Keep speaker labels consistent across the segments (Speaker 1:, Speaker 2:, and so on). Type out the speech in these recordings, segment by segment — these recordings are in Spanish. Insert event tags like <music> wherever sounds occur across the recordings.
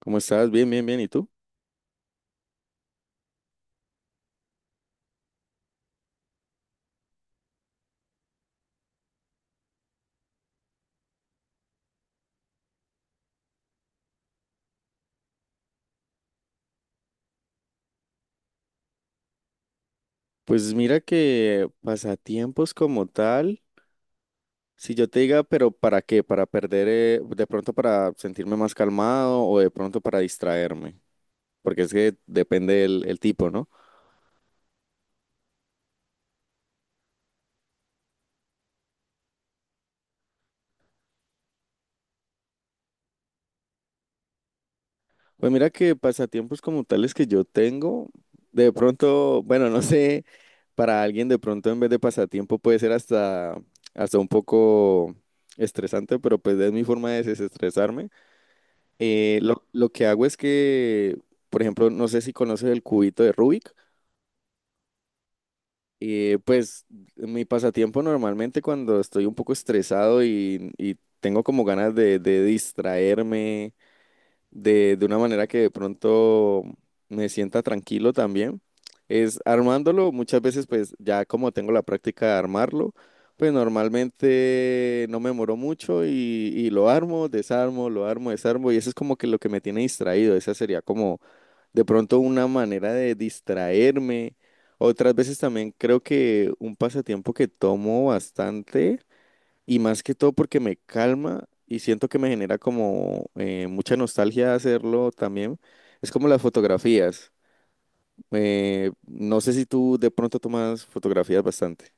Speaker 1: ¿Cómo estás? Bien, bien, bien. ¿Y tú? Pues mira que pasatiempos como tal, si yo te diga, pero ¿para qué? Para perder, de pronto para sentirme más calmado o de pronto para distraerme, porque es que depende el tipo, ¿no? Pues mira que pasatiempos como tales que yo tengo, de pronto, bueno, no sé, para alguien de pronto en vez de pasatiempo puede ser hasta, hasta un poco estresante, pero pues es mi forma de desestresarme. Lo que hago es que, por ejemplo, no sé si conoces el cubito de Rubik. Pues mi pasatiempo normalmente cuando estoy un poco estresado y tengo como ganas de distraerme de una manera que de pronto me sienta tranquilo también, es armándolo. Muchas veces pues ya como tengo la práctica de armarlo, pues normalmente no me demoro mucho y lo armo, desarmo y eso es como que lo que me tiene distraído. Esa sería como de pronto una manera de distraerme. Otras veces también creo que un pasatiempo que tomo bastante y más que todo porque me calma y siento que me genera como mucha nostalgia hacerlo también. Es como las fotografías. No sé si tú de pronto tomas fotografías bastante.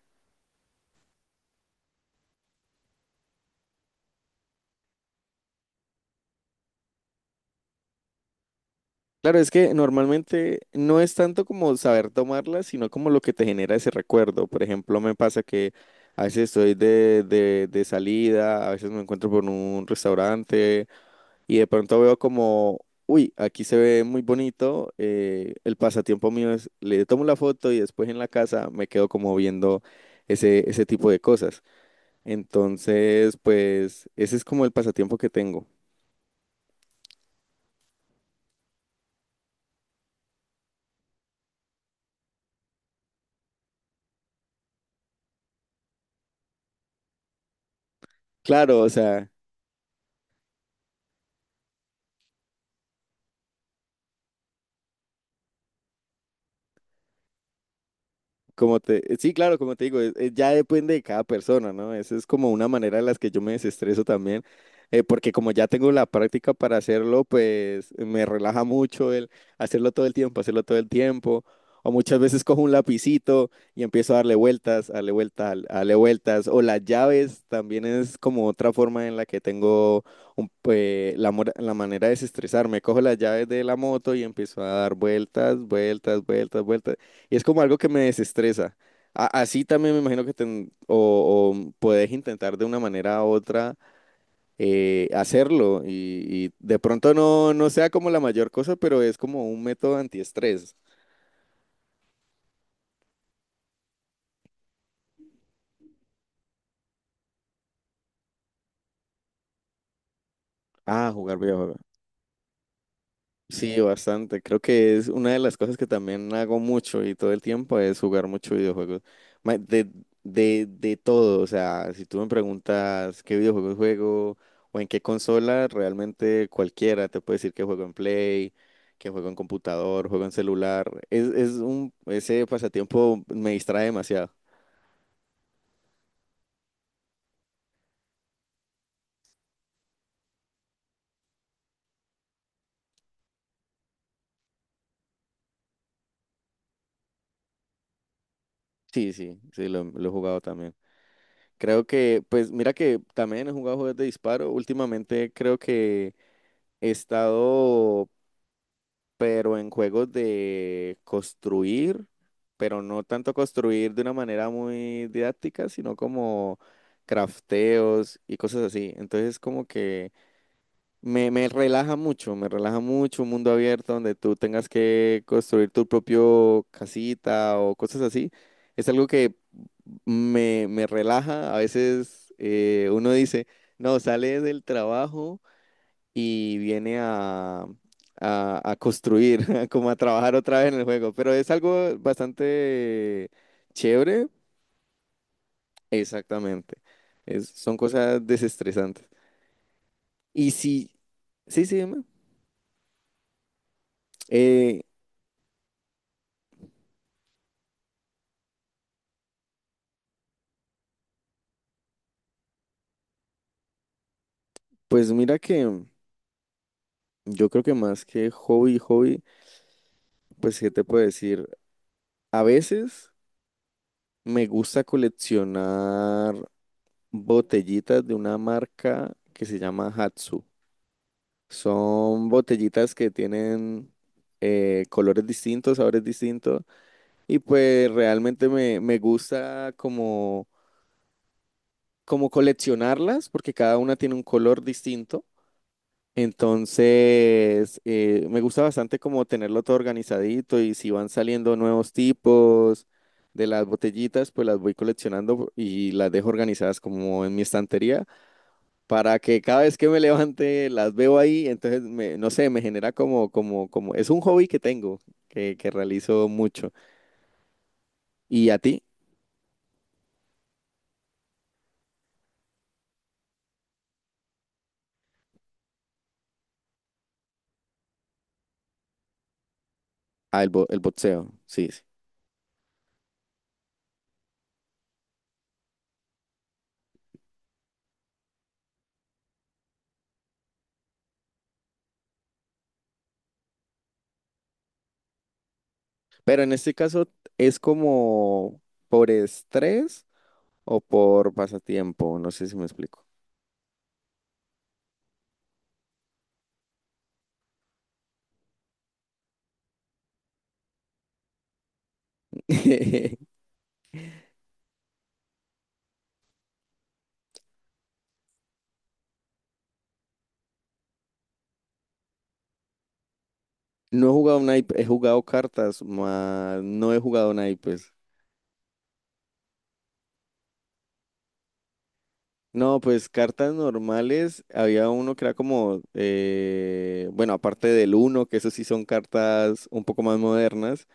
Speaker 1: Claro, es que normalmente no es tanto como saber tomarla, sino como lo que te genera ese recuerdo. Por ejemplo, me pasa que a veces estoy de salida, a veces me encuentro por un restaurante y de pronto veo como, uy, aquí se ve muy bonito, el pasatiempo mío es, le tomo la foto y después en la casa me quedo como viendo ese tipo de cosas. Entonces, pues ese es como el pasatiempo que tengo. Claro, o sea... Como te, sí, claro, como te digo, ya depende de cada persona, ¿no? Esa es como una manera en las que yo me desestreso también, porque como ya tengo la práctica para hacerlo, pues me relaja mucho el hacerlo todo el tiempo, hacerlo todo el tiempo. O muchas veces cojo un lapicito y empiezo a darle vueltas, darle vueltas, darle vueltas. O las llaves también es como otra forma en la que tengo la manera de desestresarme. Cojo las llaves de la moto y empiezo a dar vueltas, vueltas, vueltas, vueltas. Y es como algo que me desestresa. Así también me imagino que o puedes intentar de una manera u otra hacerlo y de pronto no, no sea como la mayor cosa, pero es como un método antiestrés. Ah, jugar videojuegos. Sí, bastante. Creo que es una de las cosas que también hago mucho y todo el tiempo es jugar mucho videojuegos. Ma- De, de todo, o sea, si tú me preguntas qué videojuegos juego o en qué consola, realmente cualquiera te puede decir que juego en Play, que juego en computador, juego en celular. Ese pasatiempo me distrae demasiado. Sí, sí, sí, lo he jugado también. Creo que, pues mira que también he jugado juegos de disparo. Últimamente creo que he estado pero en juegos de construir, pero no tanto construir de una manera muy didáctica, sino como crafteos y cosas así. Entonces como que me relaja mucho un mundo abierto donde tú tengas que construir tu propio casita o cosas así. Es algo que me relaja. A veces uno dice, no, sale del trabajo y viene a construir, <laughs> como a trabajar otra vez en el juego. Pero es algo bastante chévere, exactamente. Son cosas desestresantes. Y sí, sí, sí, dime. Eh, pues mira que yo creo que más que hobby, hobby, pues ¿qué te puedo decir? A veces me gusta coleccionar botellitas de una marca que se llama Hatsu. Son botellitas que tienen colores distintos, sabores distintos. Y pues realmente me gusta como, como coleccionarlas porque cada una tiene un color distinto. Entonces, me gusta bastante como tenerlo todo organizadito y si van saliendo nuevos tipos de las botellitas, pues las voy coleccionando y las dejo organizadas como en mi estantería para que cada vez que me levante las veo ahí, entonces me, no sé, me genera como, como, como, es un hobby que tengo, que realizo mucho. ¿Y a ti? Ah, el boxeo, sí, sí. Pero en este caso es como por estrés o por pasatiempo, no sé si me explico. <laughs> No he jugado naipes, he jugado cartas, más no he jugado naipes. No, pues cartas normales, había uno que era como, bueno, aparte del uno, que eso sí son cartas un poco más modernas,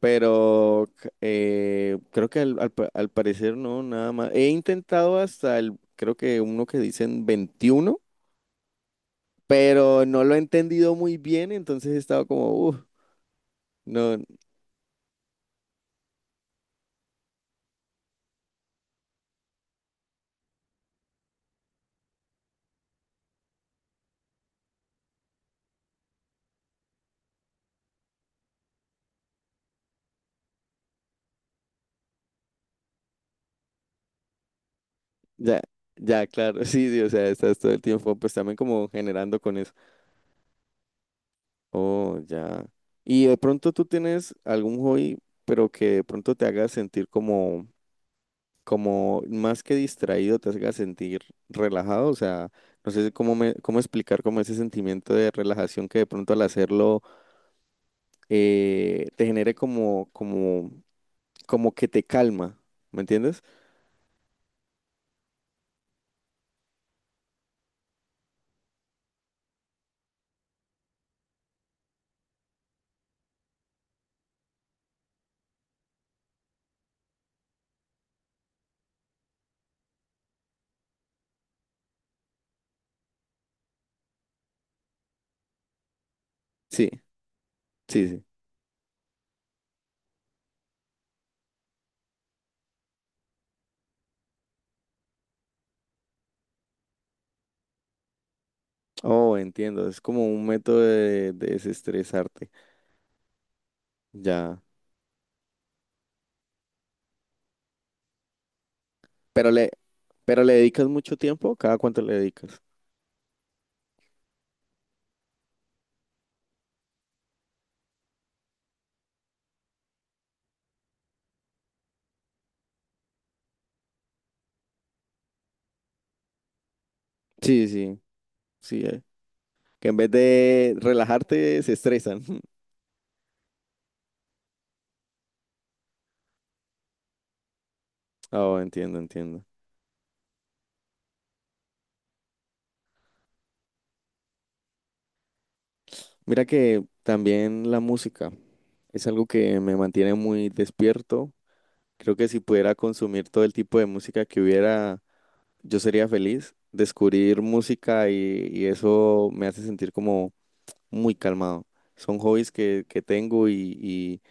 Speaker 1: pero creo que al parecer no, nada más. He intentado hasta el, creo que uno que dicen 21 pero no lo he entendido muy bien, entonces he estado como, uff, no, ya, ya, claro, <laughs> sí, sí, o sea, estás todo el tiempo pues también como generando con eso. Oh, ya. Y de pronto tú tienes algún hobby, pero que de pronto te haga sentir como, como más que distraído, te haga sentir relajado. O sea, no sé cómo me, cómo explicar como ese sentimiento de relajación que de pronto al hacerlo te genere como, como, como que te calma. ¿Me entiendes? Sí, sí, sí. Oh, entiendo. Es como un método de desestresarte. Ya. Pero le, pero le dedicas mucho tiempo, ¿cada cuánto le dedicas? Sí, sí. Sí, que en vez de relajarte, se estresan. <laughs> Oh, entiendo, entiendo. Mira que también la música es algo que me mantiene muy despierto. Creo que si pudiera consumir todo el tipo de música que hubiera, yo sería feliz. Descubrir música y eso me hace sentir como muy calmado. Son hobbies que tengo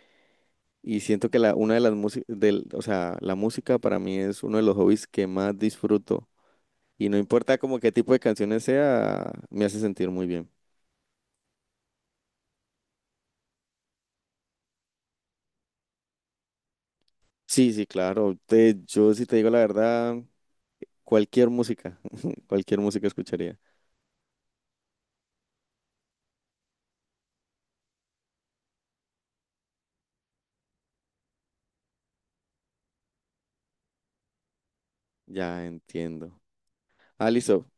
Speaker 1: y siento que la, una de las músicas, o sea, la música para mí es uno de los hobbies que más disfruto. Y no importa como qué tipo de canciones sea, me hace sentir muy bien. Sí, sí, claro. Te, yo si te digo la verdad, cualquier música, <laughs> cualquier música escucharía. Ya entiendo. Ah, listo.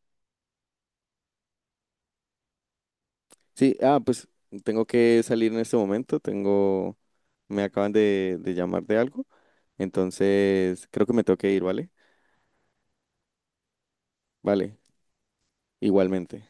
Speaker 1: Sí, ah, pues tengo que salir en este momento. Tengo, me acaban de llamar de algo. Entonces, creo que me tengo que ir, ¿vale? Vale, igualmente.